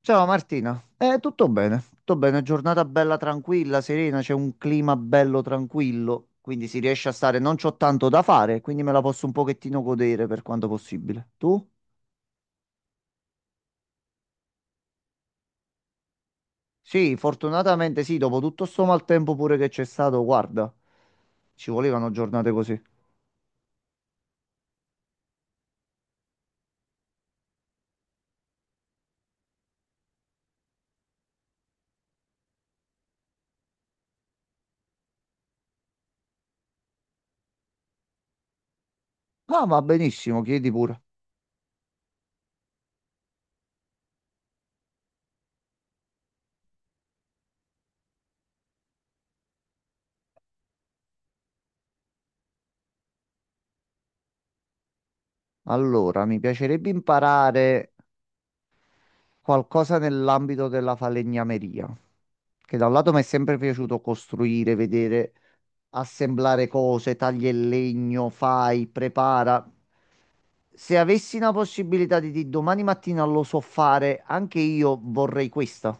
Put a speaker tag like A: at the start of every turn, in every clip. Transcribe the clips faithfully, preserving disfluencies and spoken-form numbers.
A: Ciao Martina, eh, tutto bene, tutto bene, giornata bella tranquilla, serena, c'è un clima bello tranquillo, quindi si riesce a stare, non c'ho tanto da fare, quindi me la posso un pochettino godere per quanto possibile. Tu? Sì, fortunatamente sì, dopo tutto sto maltempo pure che c'è stato, guarda, ci volevano giornate così. Ah, va benissimo, chiedi pure. Allora, mi piacerebbe imparare qualcosa nell'ambito della falegnameria, che da un lato mi è sempre piaciuto costruire, vedere, assemblare cose, tagli il legno, fai, prepara. Se avessi una possibilità di dire domani mattina lo so fare, anche io vorrei questa.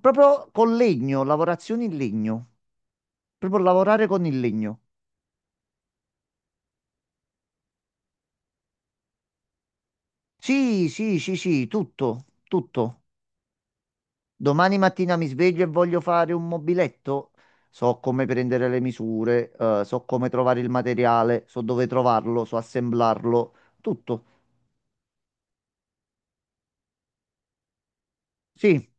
A: Proprio con legno, lavorazioni in legno. Proprio lavorare con il legno. Sì, sì, sì, sì, tutto, tutto. Domani mattina mi sveglio e voglio fare un mobiletto. So come prendere le misure, eh, so come trovare il materiale, so dove trovarlo, so assemblarlo, tutto. Sì,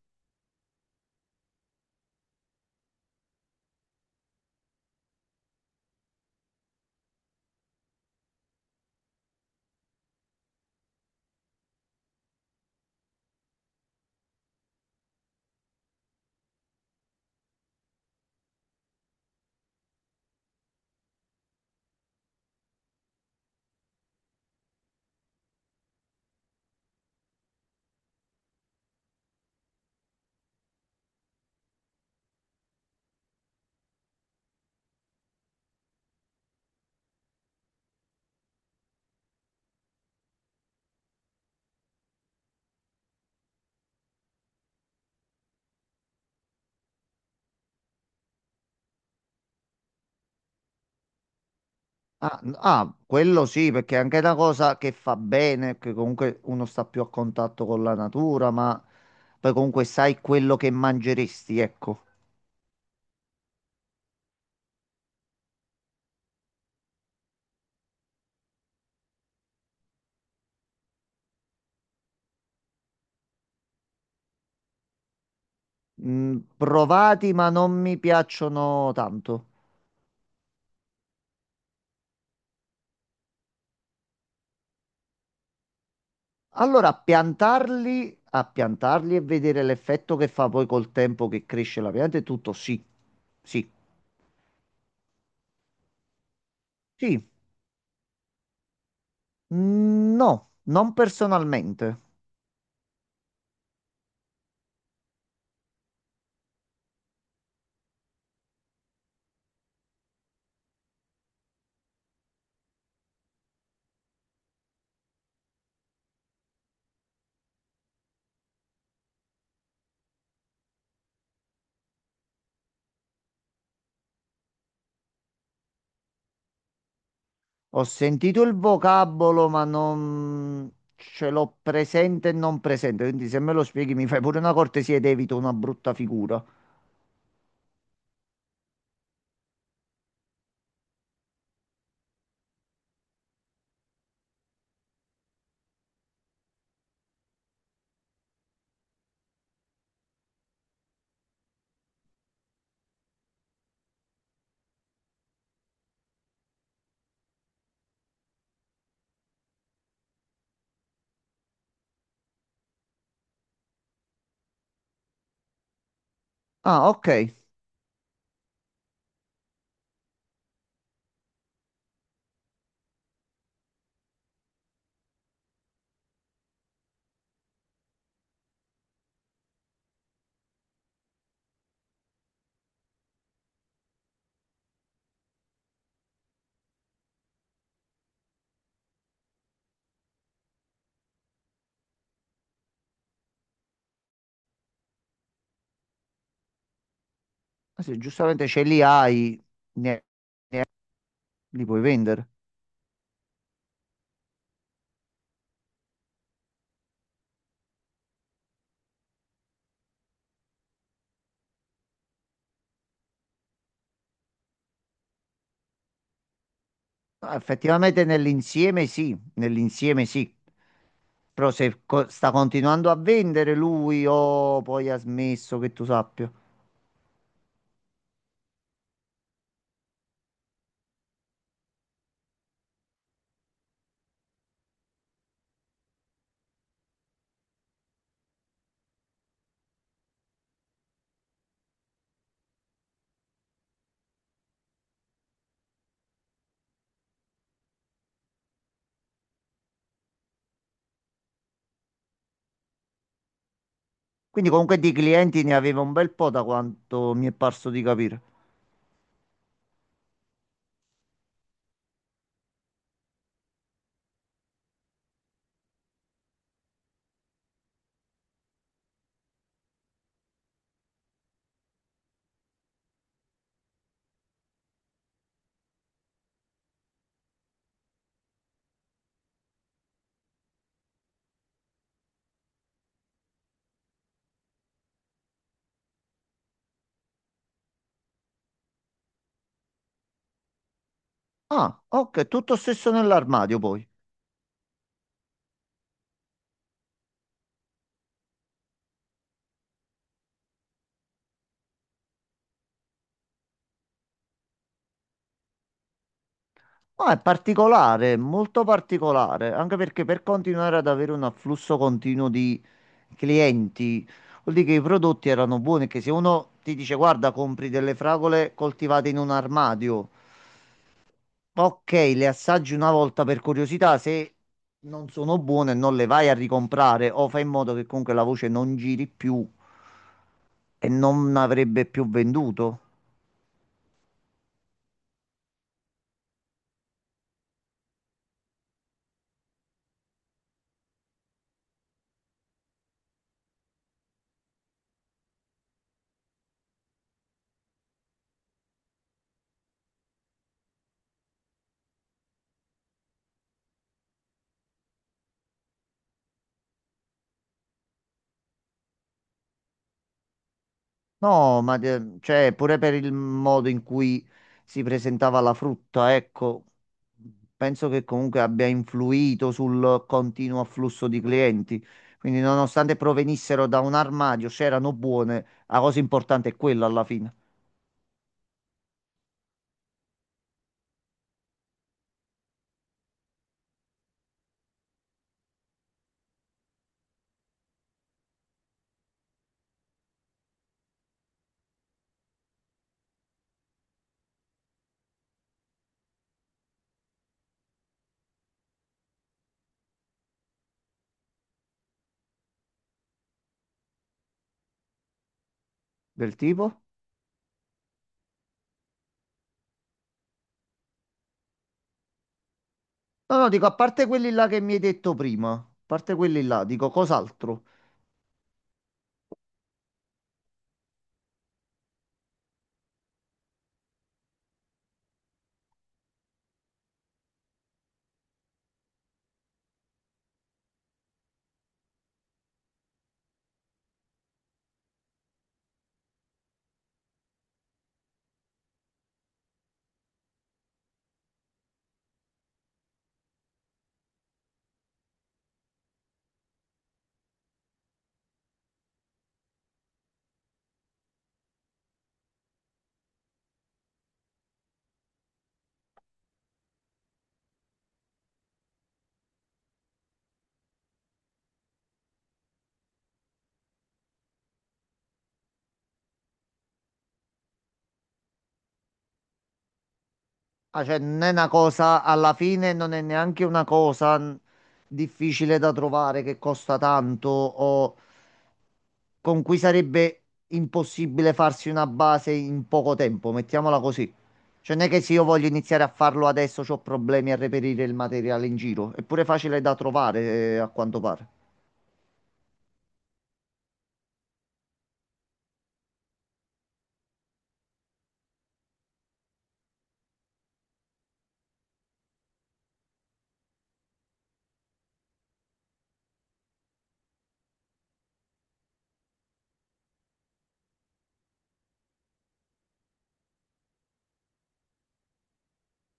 A: ah, n- ah, quello sì, perché è anche una cosa che fa bene, che comunque uno sta più a contatto con la natura, ma poi comunque sai quello che mangeresti, ecco. Mm, provati, ma non mi piacciono tanto. Allora, piantarli, a piantarli e vedere l'effetto che fa poi col tempo che cresce la pianta e tutto, sì, sì, sì. Mm, no, non personalmente. Ho sentito il vocabolo, ma non ce l'ho presente e non presente, quindi se me lo spieghi mi fai pure una cortesia ed evito una brutta figura. Ah, ok. Ah, se giustamente ce li hai, ne- li puoi vendere. Ah, effettivamente nell'insieme sì, nell'insieme sì. Però se co- sta continuando a vendere lui o poi ha smesso, che tu sappia? Quindi comunque di clienti ne aveva un bel po', da quanto mi è parso di capire. Ah, ok, tutto stesso nell'armadio poi. Ah, è particolare, molto particolare, anche perché per continuare ad avere un afflusso continuo di clienti, vuol dire che i prodotti erano buoni, che se uno ti dice guarda, compri delle fragole coltivate in un armadio. Ok, le assaggi una volta per curiosità, se non sono buone non le vai a ricomprare o fai in modo che comunque la voce non giri più e non avrebbe più venduto. No, ma de- cioè pure per il modo in cui si presentava la frutta, ecco, penso che comunque abbia influito sul continuo afflusso di clienti. Quindi nonostante provenissero da un armadio, c'erano buone, la cosa importante è quella alla fine. Del tipo? No, no, dico, a parte quelli là che mi hai detto prima, a parte quelli là, dico cos'altro? Ah, cioè, non è una cosa, alla fine non è neanche una cosa n- difficile da trovare che costa tanto o con cui sarebbe impossibile farsi una base in poco tempo, mettiamola così. Cioè, non è che se io voglio iniziare a farlo adesso ho problemi a reperire il materiale in giro, è pure facile da trovare, eh, a quanto pare.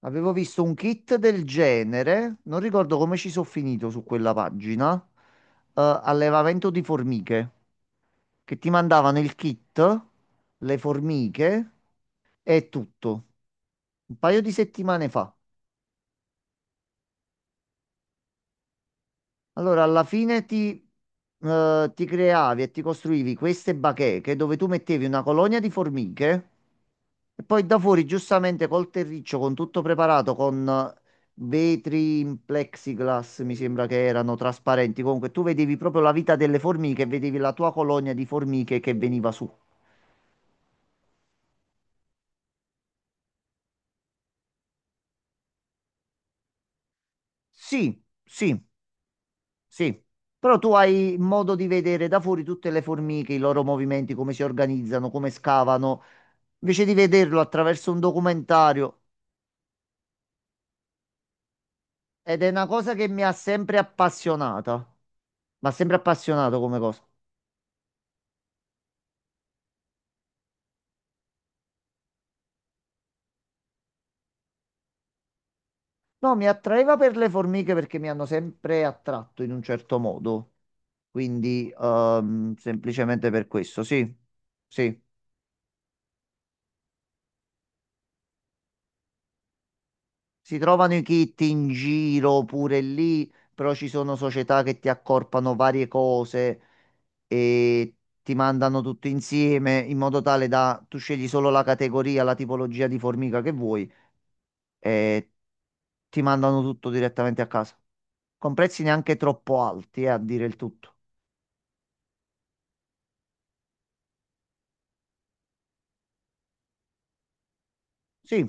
A: Avevo visto un kit del genere, non ricordo come ci sono finito su quella pagina, eh, allevamento di formiche, che ti mandavano il kit, le formiche e tutto, un paio di settimane fa. Allora, alla fine ti, eh, ti creavi e ti costruivi queste bacheche dove tu mettevi una colonia di formiche. E poi da fuori, giustamente col terriccio, con tutto preparato, con eh, vetri in plexiglass, mi sembra che erano trasparenti. Comunque, tu vedevi proprio la vita delle formiche, vedevi la tua colonia di formiche che veniva su. Sì, sì, sì. Però tu hai modo di vedere da fuori tutte le formiche, i loro movimenti, come si organizzano, come scavano, invece di vederlo attraverso un documentario. Ed è una cosa che mi ha sempre appassionata. Mi ha sempre appassionato come cosa. No, mi attraeva per le formiche perché mi hanno sempre attratto in un certo modo, quindi ehm, semplicemente per questo, sì, sì. Si trovano i kit in giro pure lì, però ci sono società che ti accorpano varie cose e ti mandano tutto insieme in modo tale da tu scegli solo la categoria, la tipologia di formica che vuoi e ti mandano tutto direttamente a casa, con prezzi neanche troppo alti, eh, a dire il tutto. Sì.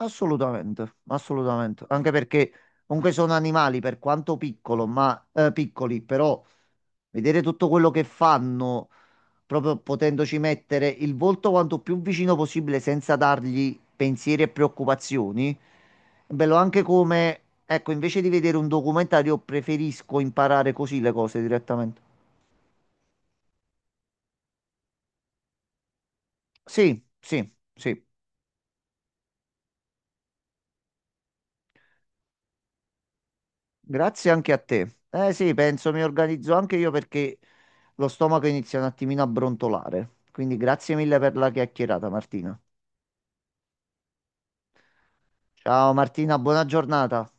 A: Assolutamente, assolutamente. Anche perché comunque sono animali per quanto piccolo, ma, eh, piccoli, però vedere tutto quello che fanno, proprio potendoci mettere il volto quanto più vicino possibile senza dargli pensieri e preoccupazioni, è bello anche come, ecco, invece di vedere un documentario, preferisco imparare così le cose direttamente. Sì, sì, sì. Grazie anche a te. Eh sì, penso mi organizzo anche io perché lo stomaco inizia un attimino a brontolare. Quindi grazie mille per la chiacchierata, Martina. Ciao Martina, buona giornata.